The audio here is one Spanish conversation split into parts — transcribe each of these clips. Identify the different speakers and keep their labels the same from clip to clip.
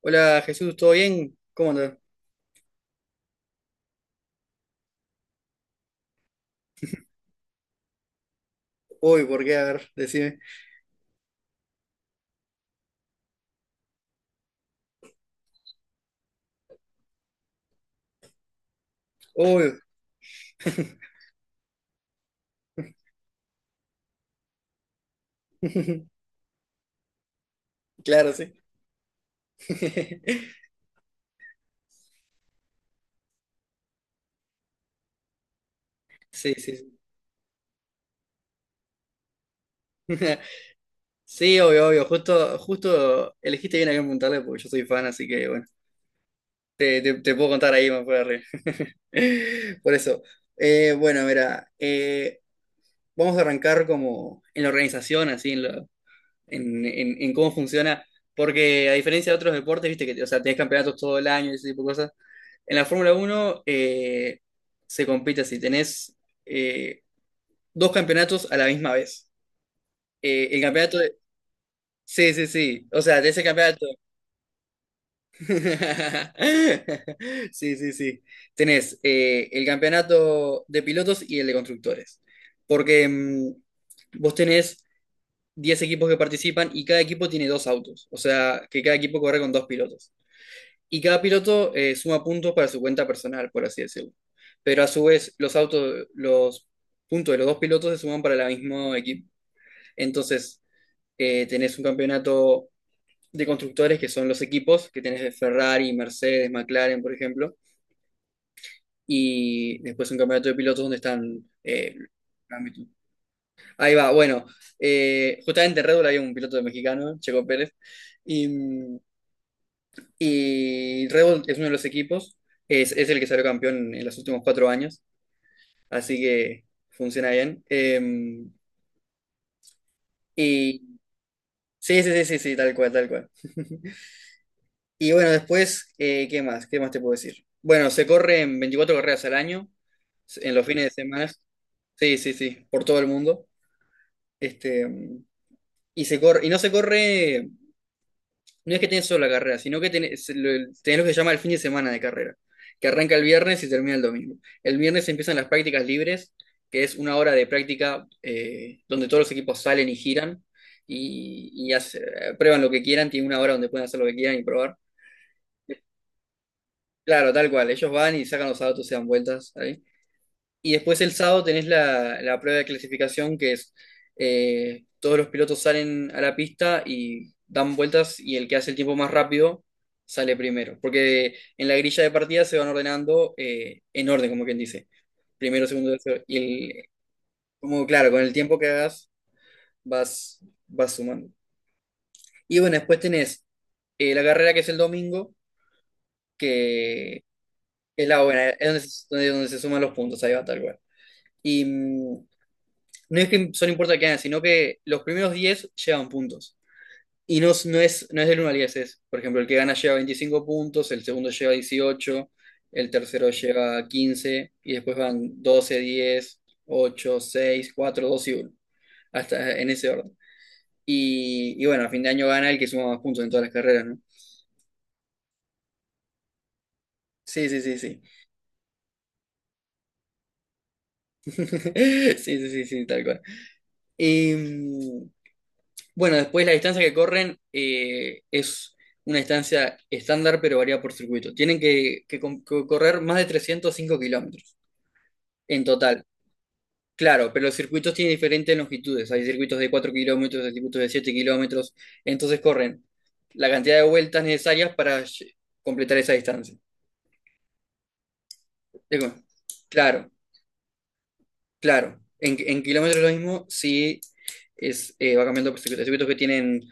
Speaker 1: Hola Jesús, ¿todo bien? ¿Cómo andas? Uy, ¿por qué? A ver, decime. Uy, claro, sí. Sí, sí, sí. Sí, obvio, obvio. Justo, justo elegiste bien a quién preguntarle porque yo soy fan, así que bueno, te puedo contar ahí más para arriba. Por eso. Bueno, mira, vamos a arrancar como en la organización, así, en cómo funciona, porque a diferencia de otros deportes, viste que, o sea, tenés campeonatos todo el año y ese tipo de cosas. En la Fórmula Uno se compite así. Tenés eh, dos campeonatos a la misma vez. El campeonato de. Sí, sí, sí. O sea, de ese campeonato. Sí, sí, sí. Tenés el campeonato de pilotos y el de constructores. Porque vos tenés 10 equipos que participan y cada equipo tiene dos autos. O sea, que cada equipo corre con dos pilotos. Y cada piloto suma puntos para su cuenta personal, por así decirlo. Pero a su vez, los autos, los puntos de los dos pilotos se suman para el mismo equipo. Entonces, tenés un campeonato de constructores, que son los equipos, que tenés de Ferrari, Mercedes, McLaren, por ejemplo. Y después un campeonato de pilotos donde están. Ahí va, bueno, justamente en Red Bull había un piloto mexicano, Checo Pérez. y mm, Y Red Bull es uno de los equipos, es el que salió campeón en los últimos 4 años, así que funciona bien. Y sí, sí, sí, sí, sí, tal cual, tal cual. Y bueno, después, ¿qué más? ¿Qué más te puedo decir? Bueno, se corren 24 carreras al año, en los fines de semana. Sí, sí, sí, por todo el mundo. Este, y se corre, y no se corre. No es que tenés solo la carrera, sino que tenés lo que se llama el fin de semana de carrera, que arranca el viernes y termina el domingo. El viernes empiezan las prácticas libres, que es 1 hora de práctica donde todos los equipos salen y giran y prueban lo que quieran, tienen 1 hora donde pueden hacer lo que quieran y probar. Claro, tal cual, ellos van y sacan los autos y dan vueltas ahí. Y después el sábado tenés la prueba de clasificación, que es todos los pilotos salen a la pista y dan vueltas, y el que hace el tiempo más rápido sale primero. Porque en la grilla de partida se van ordenando en orden, como quien dice. Primero, segundo, tercero. Y el, como claro, con el tiempo que hagas vas, vas sumando. Y bueno, después tenés la carrera, que es el domingo, que es la buena, es donde se, donde, donde se suman los puntos, ahí va, tal cual. Y no es que son importa que ganan, sino que los primeros 10 llevan puntos. Y no es del 1 al 10. Es, por ejemplo, el que gana lleva 25 puntos, el segundo lleva 18, el tercero lleva 15, y después van 12, 10, 8, 6, 4, 2 y 1, hasta en ese orden. Y bueno, a fin de año gana el que suma más puntos en todas las carreras, ¿no? Sí, sí, sí, sí. Sí, sí, sí, sí, tal cual. Y, mm, Bueno, después la distancia que corren es una distancia estándar, pero varía por circuito. Tienen que correr más de 305 kilómetros en total. Claro, pero los circuitos tienen diferentes longitudes. Hay circuitos de 4 kilómetros, hay circuitos de 7 kilómetros. Entonces corren la cantidad de vueltas necesarias para completar esa distancia. Digo, claro, claro. En kilómetros lo mismo, sí es, va cambiando por circuitos. Hay circuitos que tienen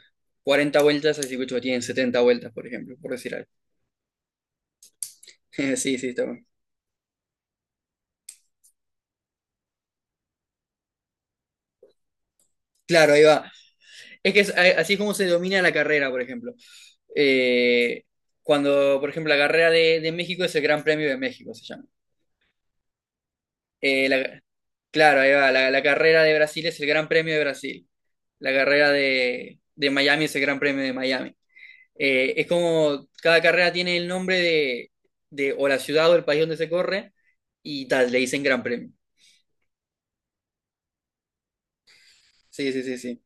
Speaker 1: 40 vueltas, hay circuitos que tienen 70 vueltas, por ejemplo, por decir algo. Sí, sí, está bueno. Claro, ahí va. Es que así es como se domina la carrera, por ejemplo. Eh, cuando, por ejemplo, la carrera de México, es el Gran Premio de México, se llama. Eh, la- claro, ahí va. La carrera de Brasil es el Gran Premio de Brasil. La carrera de Miami es el Gran Premio de Miami. Es como cada carrera tiene el nombre de o la ciudad o el país donde se corre, y tal, le dicen Gran Premio. Sí, sí, sí, sí.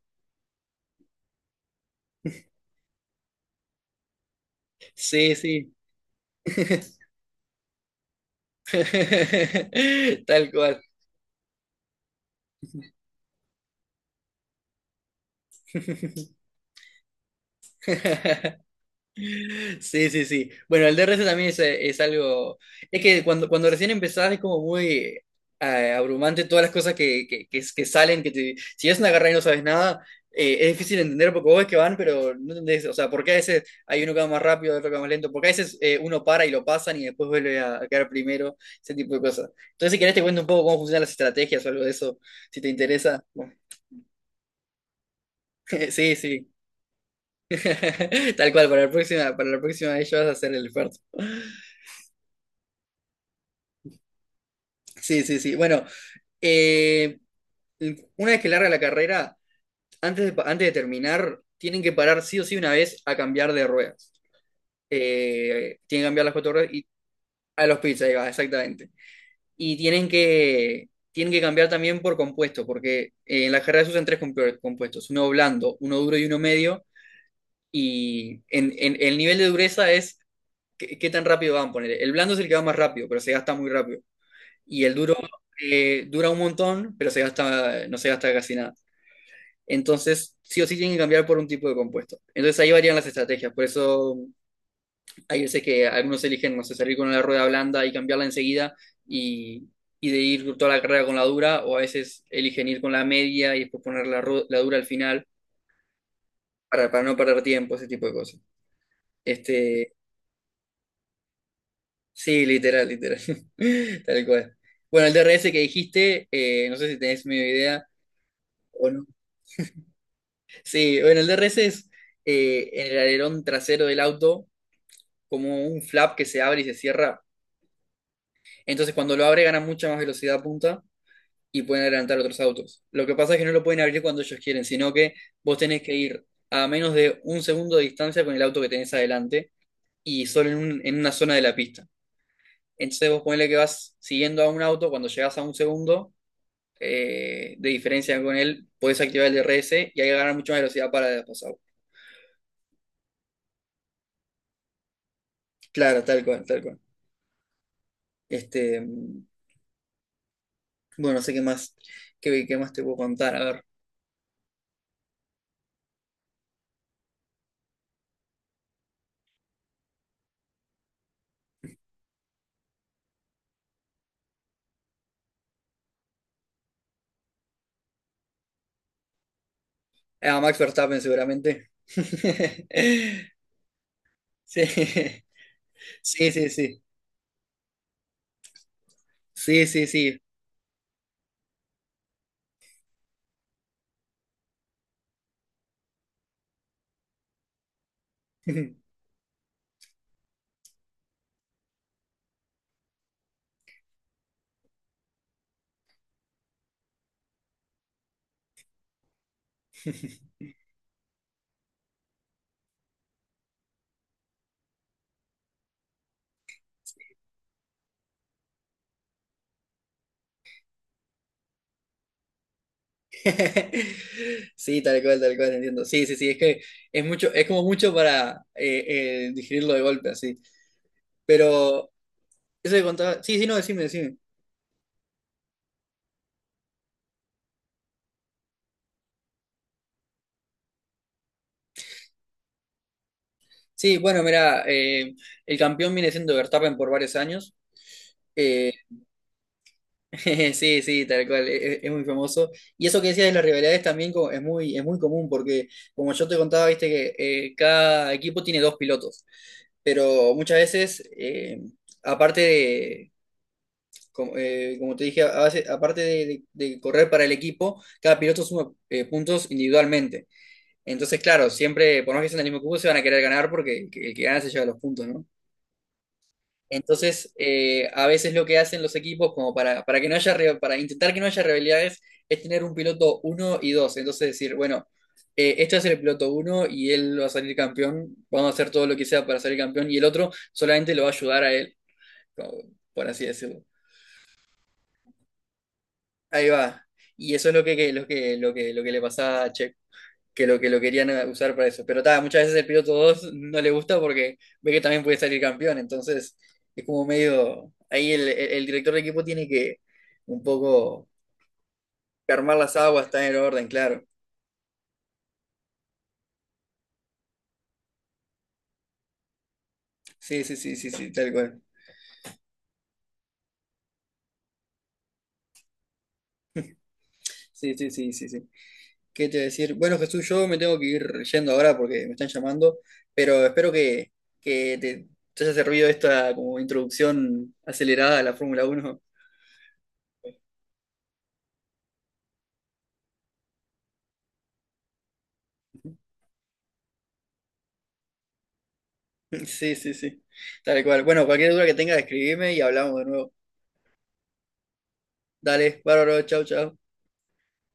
Speaker 1: Sí, sí. Tal cual. Sí, sí, sí. Bueno, el DRS también es algo. Es que cuando recién empezás es como muy abrumante todas las cosas que salen, si es una carrera y no sabes nada, es difícil entender porque vos ves que van, pero no entendés. O sea, porque a veces hay uno que va más rápido, otro que va más lento. Porque a veces uno para y lo pasan y después vuelve a quedar primero, ese tipo de cosas. Entonces, si querés, te cuento un poco cómo funcionan las estrategias o algo de eso, si te interesa. Sí, sí. Tal cual, para la próxima vez ya vas a hacer el esfuerzo. Sí, sí, sí. Bueno, eh, una vez que larga la carrera, antes de terminar, tienen que parar sí o sí una vez a cambiar de ruedas. Tienen que cambiar las cuatro ruedas y a los pits, ahí va, exactamente. Y tienen que cambiar también por compuesto, porque en la carrera se usan tres compuestos, uno blando, uno duro y uno medio. Y el nivel de dureza es qué tan rápido van a poner. El blando es el que va más rápido, pero se gasta muy rápido. Y el duro dura un montón, pero se gasta, no se gasta casi nada. Entonces, sí o sí tienen que cambiar por un tipo de compuesto. Entonces ahí varían las estrategias. Por eso hay veces que algunos eligen, no sé, salir con la rueda blanda y cambiarla enseguida y, y de ir toda la carrera con la dura, o a veces eligen ir con la media y después poner la dura al final para no perder tiempo, ese tipo de cosas. Este, sí, literal, literal. Tal cual. Bueno, el DRS que dijiste, no sé si tenés medio idea o no. Sí, bueno, el DRS es en el alerón trasero del auto, como un flap que se abre y se cierra. Entonces cuando lo abre gana mucha más velocidad punta y pueden adelantar otros autos. Lo que pasa es que no lo pueden abrir cuando ellos quieren, sino que vos tenés que ir a menos de 1 segundo de distancia con el auto que tenés adelante, y solo en una zona de la pista. Entonces vos ponele que vas siguiendo a un auto, cuando llegás a 1 segundo de diferencia con él, podés activar el DRS y ahí ganar mucha más velocidad para pasar. Claro, tal cual, tal cual. Este, bueno, no sé qué más te puedo contar. A ver, a Max Verstappen seguramente. Sí, sí, sí, sí. Sí, sí, sí. Sí, tal cual, entiendo. Sí, sí, sí, es que es mucho, es como mucho para digerirlo de golpe, así. Pero eso que contaba, sí, sí, no, decime, decime. Sí, bueno, mira, el campeón viene siendo Verstappen por varios años. Eh, Sí, sí, tal cual, es muy famoso. Y eso que decías de las rivalidades también es muy común, porque como yo te contaba, viste que cada equipo tiene dos pilotos, pero muchas veces, aparte de, como, como te dije, aparte de correr para el equipo, cada piloto suma puntos individualmente. Entonces, claro, siempre, por más que sean del mismo equipo, se van a querer ganar porque el que gana se lleva los puntos, ¿no? Entonces, a veces lo que hacen los equipos, como para que no haya, para intentar que no haya rivalidades, es tener un piloto uno y 2. Entonces decir, bueno, este va a ser el piloto uno y él va a salir campeón, vamos a hacer todo lo que sea para salir campeón, y el otro solamente lo va a ayudar a él, como- por así decirlo. Ahí va. Y eso es lo que- lo que, lo que, lo que le pasaba a Checo. Que lo que lo querían usar para eso. Pero ta, muchas veces el piloto 2 no le gusta porque ve que también puede salir campeón. Entonces es como medio. Ahí el director de equipo tiene que un poco calmar las aguas, estar en orden, claro. Sí, sí, sí, sí, sí, tal cual. Sí, sí, sí, sí, sí. ¿Qué te voy a decir? Bueno, Jesús, yo me tengo que ir yendo ahora porque me están llamando, pero espero que te haya servido esta como introducción acelerada a la Fórmula Uno. Sí, sí, sí. Tal cual. Bueno, cualquier duda que tengas, escribime y hablamos de nuevo. Dale, bárbaro, chau, chau.